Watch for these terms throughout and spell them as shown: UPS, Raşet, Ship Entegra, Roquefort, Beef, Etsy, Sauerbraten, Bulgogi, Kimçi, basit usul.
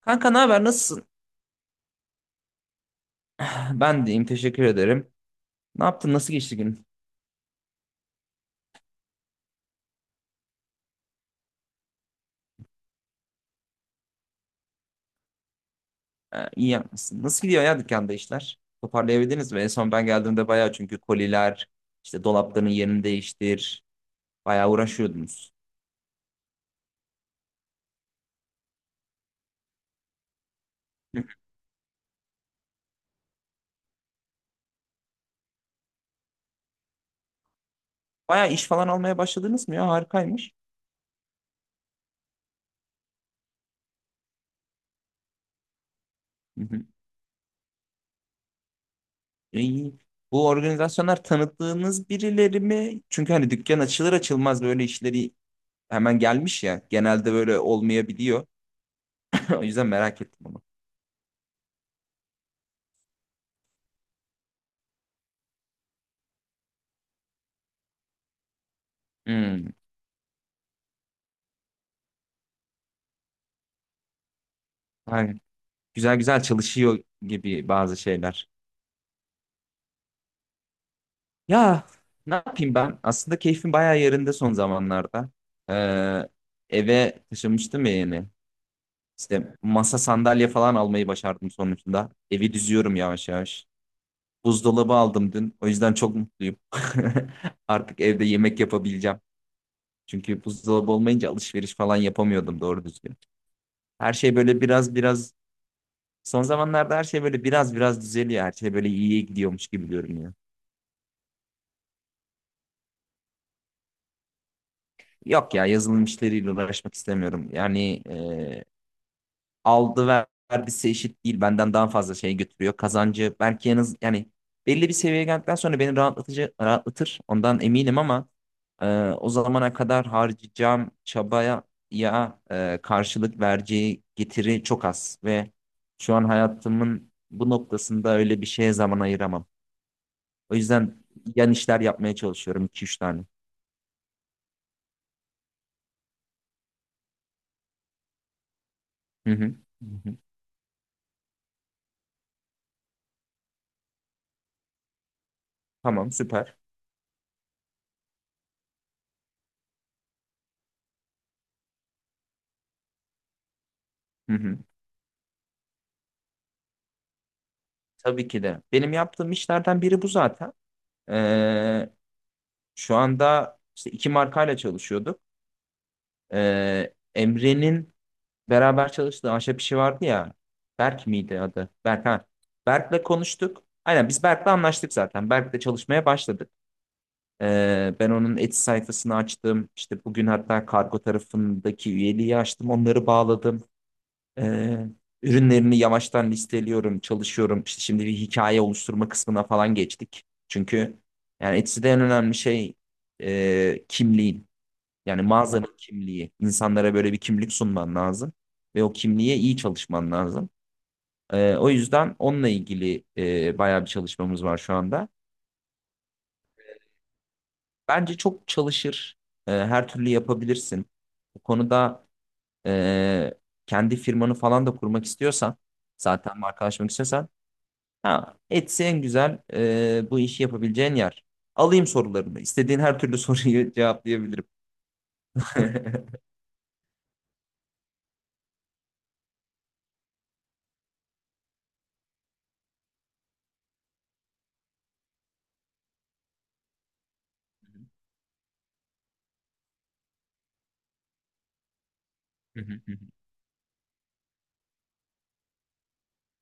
Kanka ne haber nasılsın? Ben deyim teşekkür ederim. Ne yaptın nasıl geçti gün? İyi yapmışsın. Nasıl gidiyor ya dükkanda işler? Toparlayabildiniz mi? En son ben geldiğimde bayağı çünkü koliler, işte dolapların yerini değiştir. Bayağı uğraşıyordunuz. Hı hı. Bayağı iş falan almaya başladınız mı ya? Harikaymış. Hı hı. İyi. Bu organizasyonlar tanıttığınız birileri mi? Çünkü hani dükkan açılır açılmaz böyle işleri hemen gelmiş ya. Genelde böyle olmayabiliyor. O yüzden merak ettim onu. Hmm. Güzel güzel çalışıyor gibi bazı şeyler. Ya ne yapayım ben? Aslında keyfim bayağı yerinde son zamanlarda. Ee, Eve taşınmıştım ya yeni. İşte masa sandalye falan almayı başardım sonuçta. Evi düzüyorum yavaş yavaş. Buzdolabı aldım dün. O yüzden çok mutluyum. Artık evde yemek yapabileceğim. Çünkü buzdolabı olmayınca alışveriş falan yapamıyordum doğru düzgün. Her şey böyle biraz biraz son zamanlarda her şey böyle biraz biraz düzeliyor. Her şey böyle iyiye gidiyormuş gibi görünüyor. Yok ya yazılım işleriyle uğraşmak istemiyorum. Yani aldı ver- vergisi eşit değil. Benden daha fazla şey götürüyor. Kazancı belki yalnız yani belli bir seviyeye geldikten sonra beni rahatlatır. Ondan eminim ama e, o zamana kadar harcayacağım çabaya karşılık vereceği getiri çok az ve şu an hayatımın bu noktasında öyle bir şeye zaman ayıramam. O yüzden yan işler yapmaya çalışıyorum iki üç tane. Hı hı. Hı hı. Tamam, süper. Hı hı. Tabii ki de. Benim yaptığım işlerden biri bu zaten. Ee, Şu anda işte iki markayla çalışıyorduk. Emre'nin beraber çalıştığı ahşap işi vardı ya. Berk miydi adı? Berk, ha. Berk'le konuştuk. Aynen biz Berk'le anlaştık zaten. Berk'le çalışmaya başladık. Ben onun Etsy sayfasını açtım. İşte bugün hatta kargo tarafındaki üyeliği açtım. Onları bağladım. Ee, Ürünlerini yavaştan listeliyorum, çalışıyorum. İşte şimdi bir hikaye oluşturma kısmına falan geçtik. Çünkü yani Etsy'de en önemli şey kimliğin. Yani mağazanın kimliği. İnsanlara böyle bir kimlik sunman lazım. Ve o kimliğe iyi çalışman lazım. O yüzden onunla ilgili bayağı bir çalışmamız var şu anda. Bence çok çalışır. Her türlü yapabilirsin. Bu konuda e, kendi firmanı falan da kurmak istiyorsan, zaten markalaşmak istiyorsan, ha, Etsy en güzel bu işi yapabileceğin yer. Alayım sorularını. İstediğin her türlü soruyu cevaplayabilirim.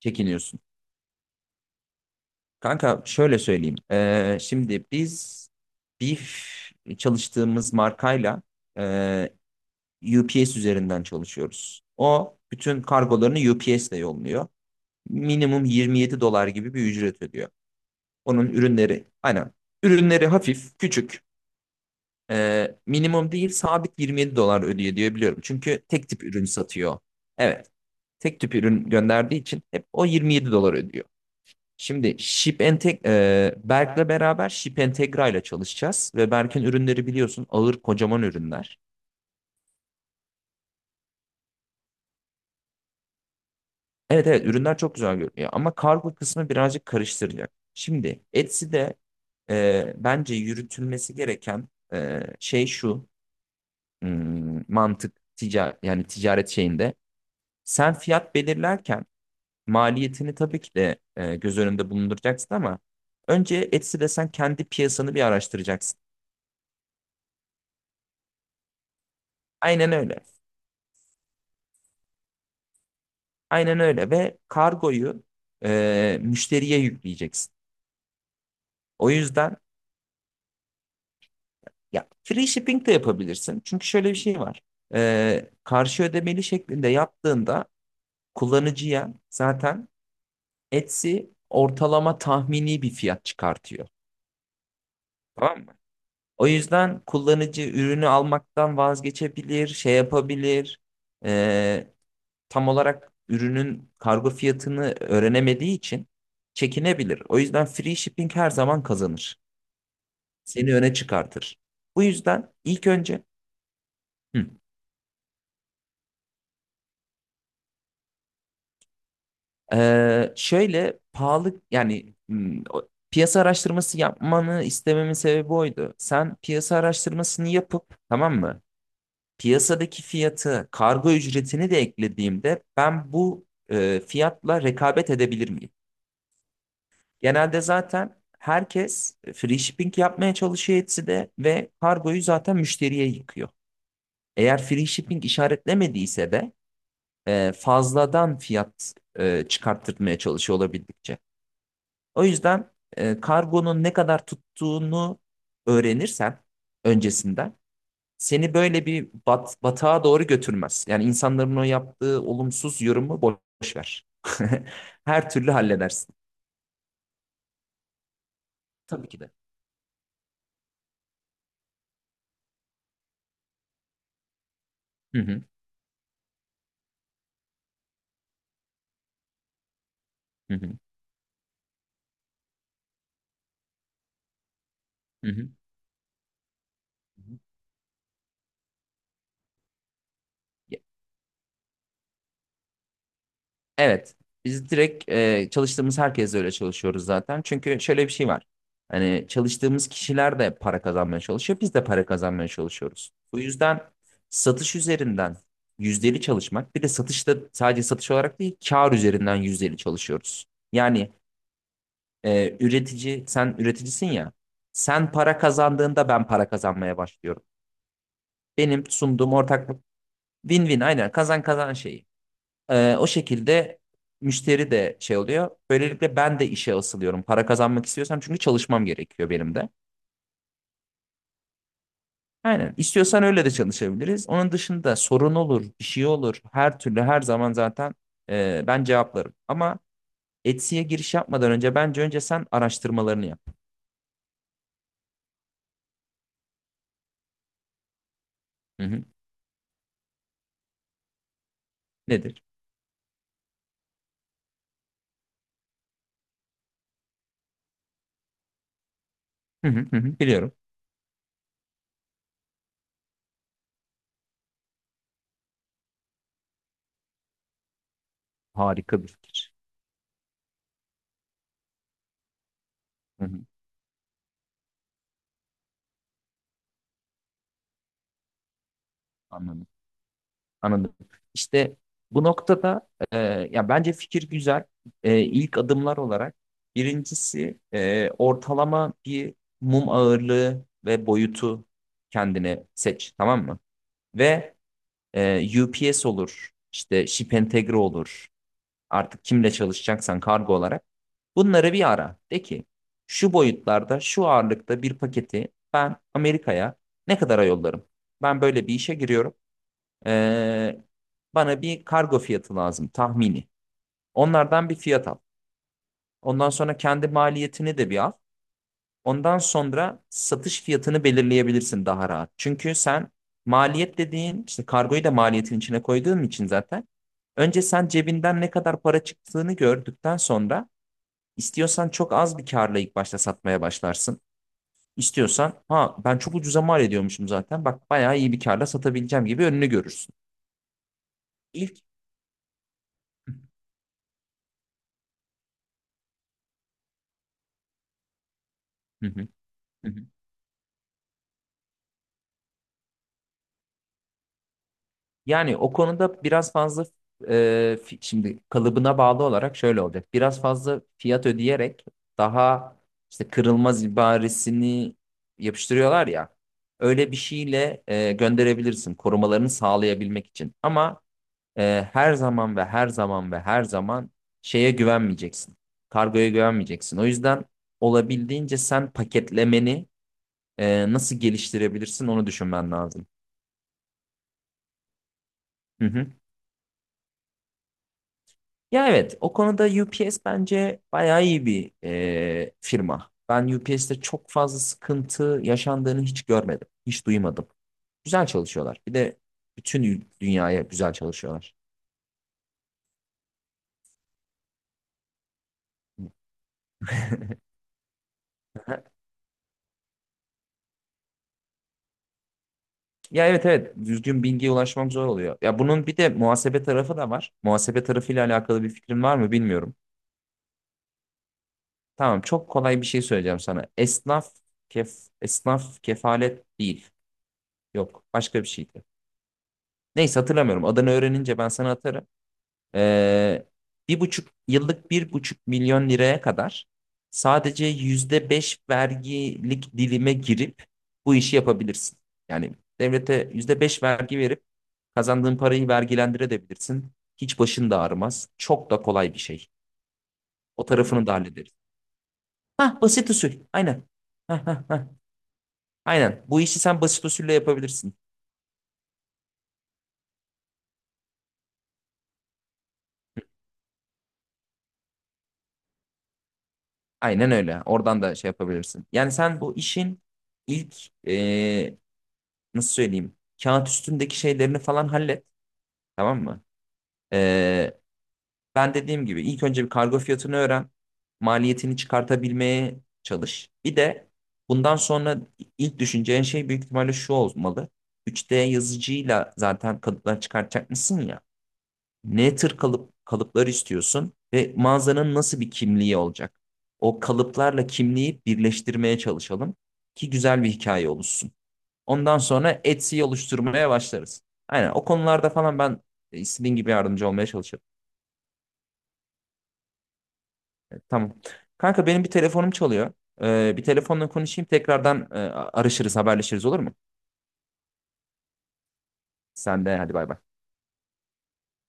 Çekiniyorsun. Kanka şöyle söyleyeyim. Şimdi biz Beef çalıştığımız markayla e, UPS üzerinden çalışıyoruz. O bütün kargolarını UPS ile yolluyor. Minimum 27 dolar gibi bir ücret ödüyor. Onun ürünleri aynen. Ürünleri hafif, küçük. Minimum değil, sabit 27 dolar ödüyor diye biliyorum. Çünkü tek tip ürün satıyor. Evet. Tek tip ürün gönderdiği için hep o 27 dolar ödüyor. Şimdi Berk'le beraber Ship Entegra ile çalışacağız. Ve Berk'in ürünleri biliyorsun ağır, kocaman ürünler. Evet, evet, ürünler çok güzel görünüyor ama kargo kısmı birazcık karıştıracak. Şimdi Etsy'de bence yürütülmesi gereken e, şey şu mantık ticaret, yani ticaret şeyinde sen fiyat belirlerken maliyetini tabii ki de göz önünde bulunduracaksın ama önce Etsy'de sen kendi piyasanı bir araştıracaksın. Aynen öyle. Aynen öyle ve kargoyu müşteriye yükleyeceksin. O yüzden ya free shipping de yapabilirsin. Çünkü şöyle bir şey var. Karşı ödemeli şeklinde yaptığında kullanıcıya zaten Etsy ortalama tahmini bir fiyat çıkartıyor. Tamam mı? O yüzden kullanıcı ürünü almaktan vazgeçebilir, şey yapabilir. Ee, Tam olarak ürünün kargo fiyatını öğrenemediği için çekinebilir. O yüzden free shipping her zaman kazanır. Seni öne çıkartır. Bu yüzden ilk önce hı, şöyle pahalı yani piyasa araştırması yapmanı istememin sebebi oydu. Sen piyasa araştırmasını yapıp, tamam mı? Piyasadaki fiyatı, kargo ücretini de eklediğimde ben bu fiyatla rekabet edebilir miyim? Genelde zaten herkes free shipping yapmaya çalışıyor Etsy'de ve kargoyu zaten müşteriye yıkıyor. Eğer free shipping işaretlemediyse de fazladan fiyat çıkarttırmaya çalışıyor olabildikçe. O yüzden kargonun ne kadar tuttuğunu öğrenirsen öncesinden, seni böyle batağa doğru götürmez. Yani insanların o yaptığı olumsuz yorumu boş ver. Her türlü halledersin. Tabii ki de. Hı hı, hı hı, hı hı. Ya, Evet. Biz direkt çalıştığımız herkesle öyle çalışıyoruz zaten. Çünkü şöyle bir şey var. Hani çalıştığımız kişiler de para kazanmaya çalışıyor. Biz de para kazanmaya çalışıyoruz. Bu yüzden satış üzerinden yüzdeli çalışmak, bir de satışta sadece satış olarak değil, kar üzerinden yüzdeli çalışıyoruz. Yani üretici, sen üreticisin ya. Sen para kazandığında ben para kazanmaya başlıyorum. Benim sunduğum ortaklık win-win, aynen kazan kazan şeyi. O şekilde müşteri de şey oluyor. Böylelikle ben de işe asılıyorum. Para kazanmak istiyorsam, çünkü çalışmam gerekiyor benim de. Aynen. İstiyorsan öyle de çalışabiliriz. Onun dışında sorun olur, bir şey olur. Her türlü, her zaman zaten ben cevaplarım. Ama Etsy'ye giriş yapmadan önce bence önce sen araştırmalarını yap. Hı hı. Nedir? Hı hı hı, hı. Biliyorum. Harika bir fikir. Hı hı, anladım. Anladım. İşte bu noktada ya bence fikir güzel. İlk adımlar olarak, birincisi, ortalama bir mum ağırlığı ve boyutu kendine seç, tamam mı? Ve UPS olur, işte Ship Entegre olur. Artık kimle çalışacaksan kargo olarak, bunları bir ara. De ki şu boyutlarda, şu ağırlıkta bir paketi ben Amerika'ya ne kadara yollarım? Ben böyle bir işe giriyorum. Ee, Bana bir kargo fiyatı lazım, tahmini. Onlardan bir fiyat al. Ondan sonra kendi maliyetini de bir al. Ondan sonra satış fiyatını belirleyebilirsin daha rahat. Çünkü sen maliyet dediğin işte kargoyu da maliyetin içine koyduğun için zaten önce sen cebinden ne kadar para çıktığını gördükten sonra, istiyorsan çok az bir karla ilk başta satmaya başlarsın. İstiyorsan, ha, ben çok ucuza mal ediyormuşum zaten, bak bayağı iyi bir karla satabileceğim gibi önünü görürsün. İlk. Hı hı, hı hı. Yani o konuda biraz fazla şimdi kalıbına bağlı olarak şöyle olacak. Biraz fazla fiyat ödeyerek daha işte kırılmaz ibaresini yapıştırıyorlar ya. Öyle bir şeyle gönderebilirsin, korumalarını sağlayabilmek için. Ama her zaman ve her zaman ve her zaman şeye güvenmeyeceksin. Kargoya güvenmeyeceksin. O yüzden olabildiğince sen paketlemeni nasıl geliştirebilirsin onu düşünmen lazım. Hı hı. Ya evet, o konuda UPS bence bayağı iyi bir firma. Ben UPS'te çok fazla sıkıntı yaşandığını hiç görmedim. Hiç duymadım. Güzel çalışıyorlar. Bir de dünyaya güzel çalışıyorlar. Ya evet, evet, düzgün bilgiye ulaşmam zor oluyor. Ya bunun bir de muhasebe tarafı da var. Muhasebe tarafıyla alakalı bir fikrin var mı bilmiyorum. Tamam, çok kolay bir şey söyleyeceğim sana. Kef esnaf kefalet değil. Yok, başka bir şeydi. Neyse, hatırlamıyorum. Adını öğrenince ben sana atarım. Ee, 1,5 yıllık, 1,5 milyon liraya kadar sadece %5 vergilik dilime girip bu işi yapabilirsin. Yani devlete %5 vergi verip kazandığın parayı vergilendirebilirsin. Hiç başın da ağrımaz. Çok da kolay bir şey. O tarafını da hallederiz. Hah, basit usul. Aynen. Hah, hah, hah. Aynen. Bu işi sen basit usulle yapabilirsin. Aynen öyle. Oradan da şey yapabilirsin. Yani sen bu işin ilk e, nasıl söyleyeyim, kağıt üstündeki şeylerini falan hallet, tamam mı? Ee, Ben dediğim gibi ilk önce bir kargo fiyatını öğren. Maliyetini çıkartabilmeye çalış. Bir de bundan sonra ilk düşüneceğin şey büyük ihtimalle şu olmalı. 3D yazıcıyla zaten kalıplar çıkartacak mısın ya? Ne tür kalıplar istiyorsun ve mağazanın nasıl bir kimliği olacak? O kalıplarla kimliği birleştirmeye çalışalım ki güzel bir hikaye oluşsun. Ondan sonra Etsy'yi oluşturmaya başlarız. Aynen, o konularda falan ben istediğin gibi yardımcı olmaya çalışırım. Tamam. Kanka, benim bir telefonum çalıyor. Bir telefonla konuşayım, tekrardan arışırız, haberleşiriz, olur mu? Sen de hadi, bay bay.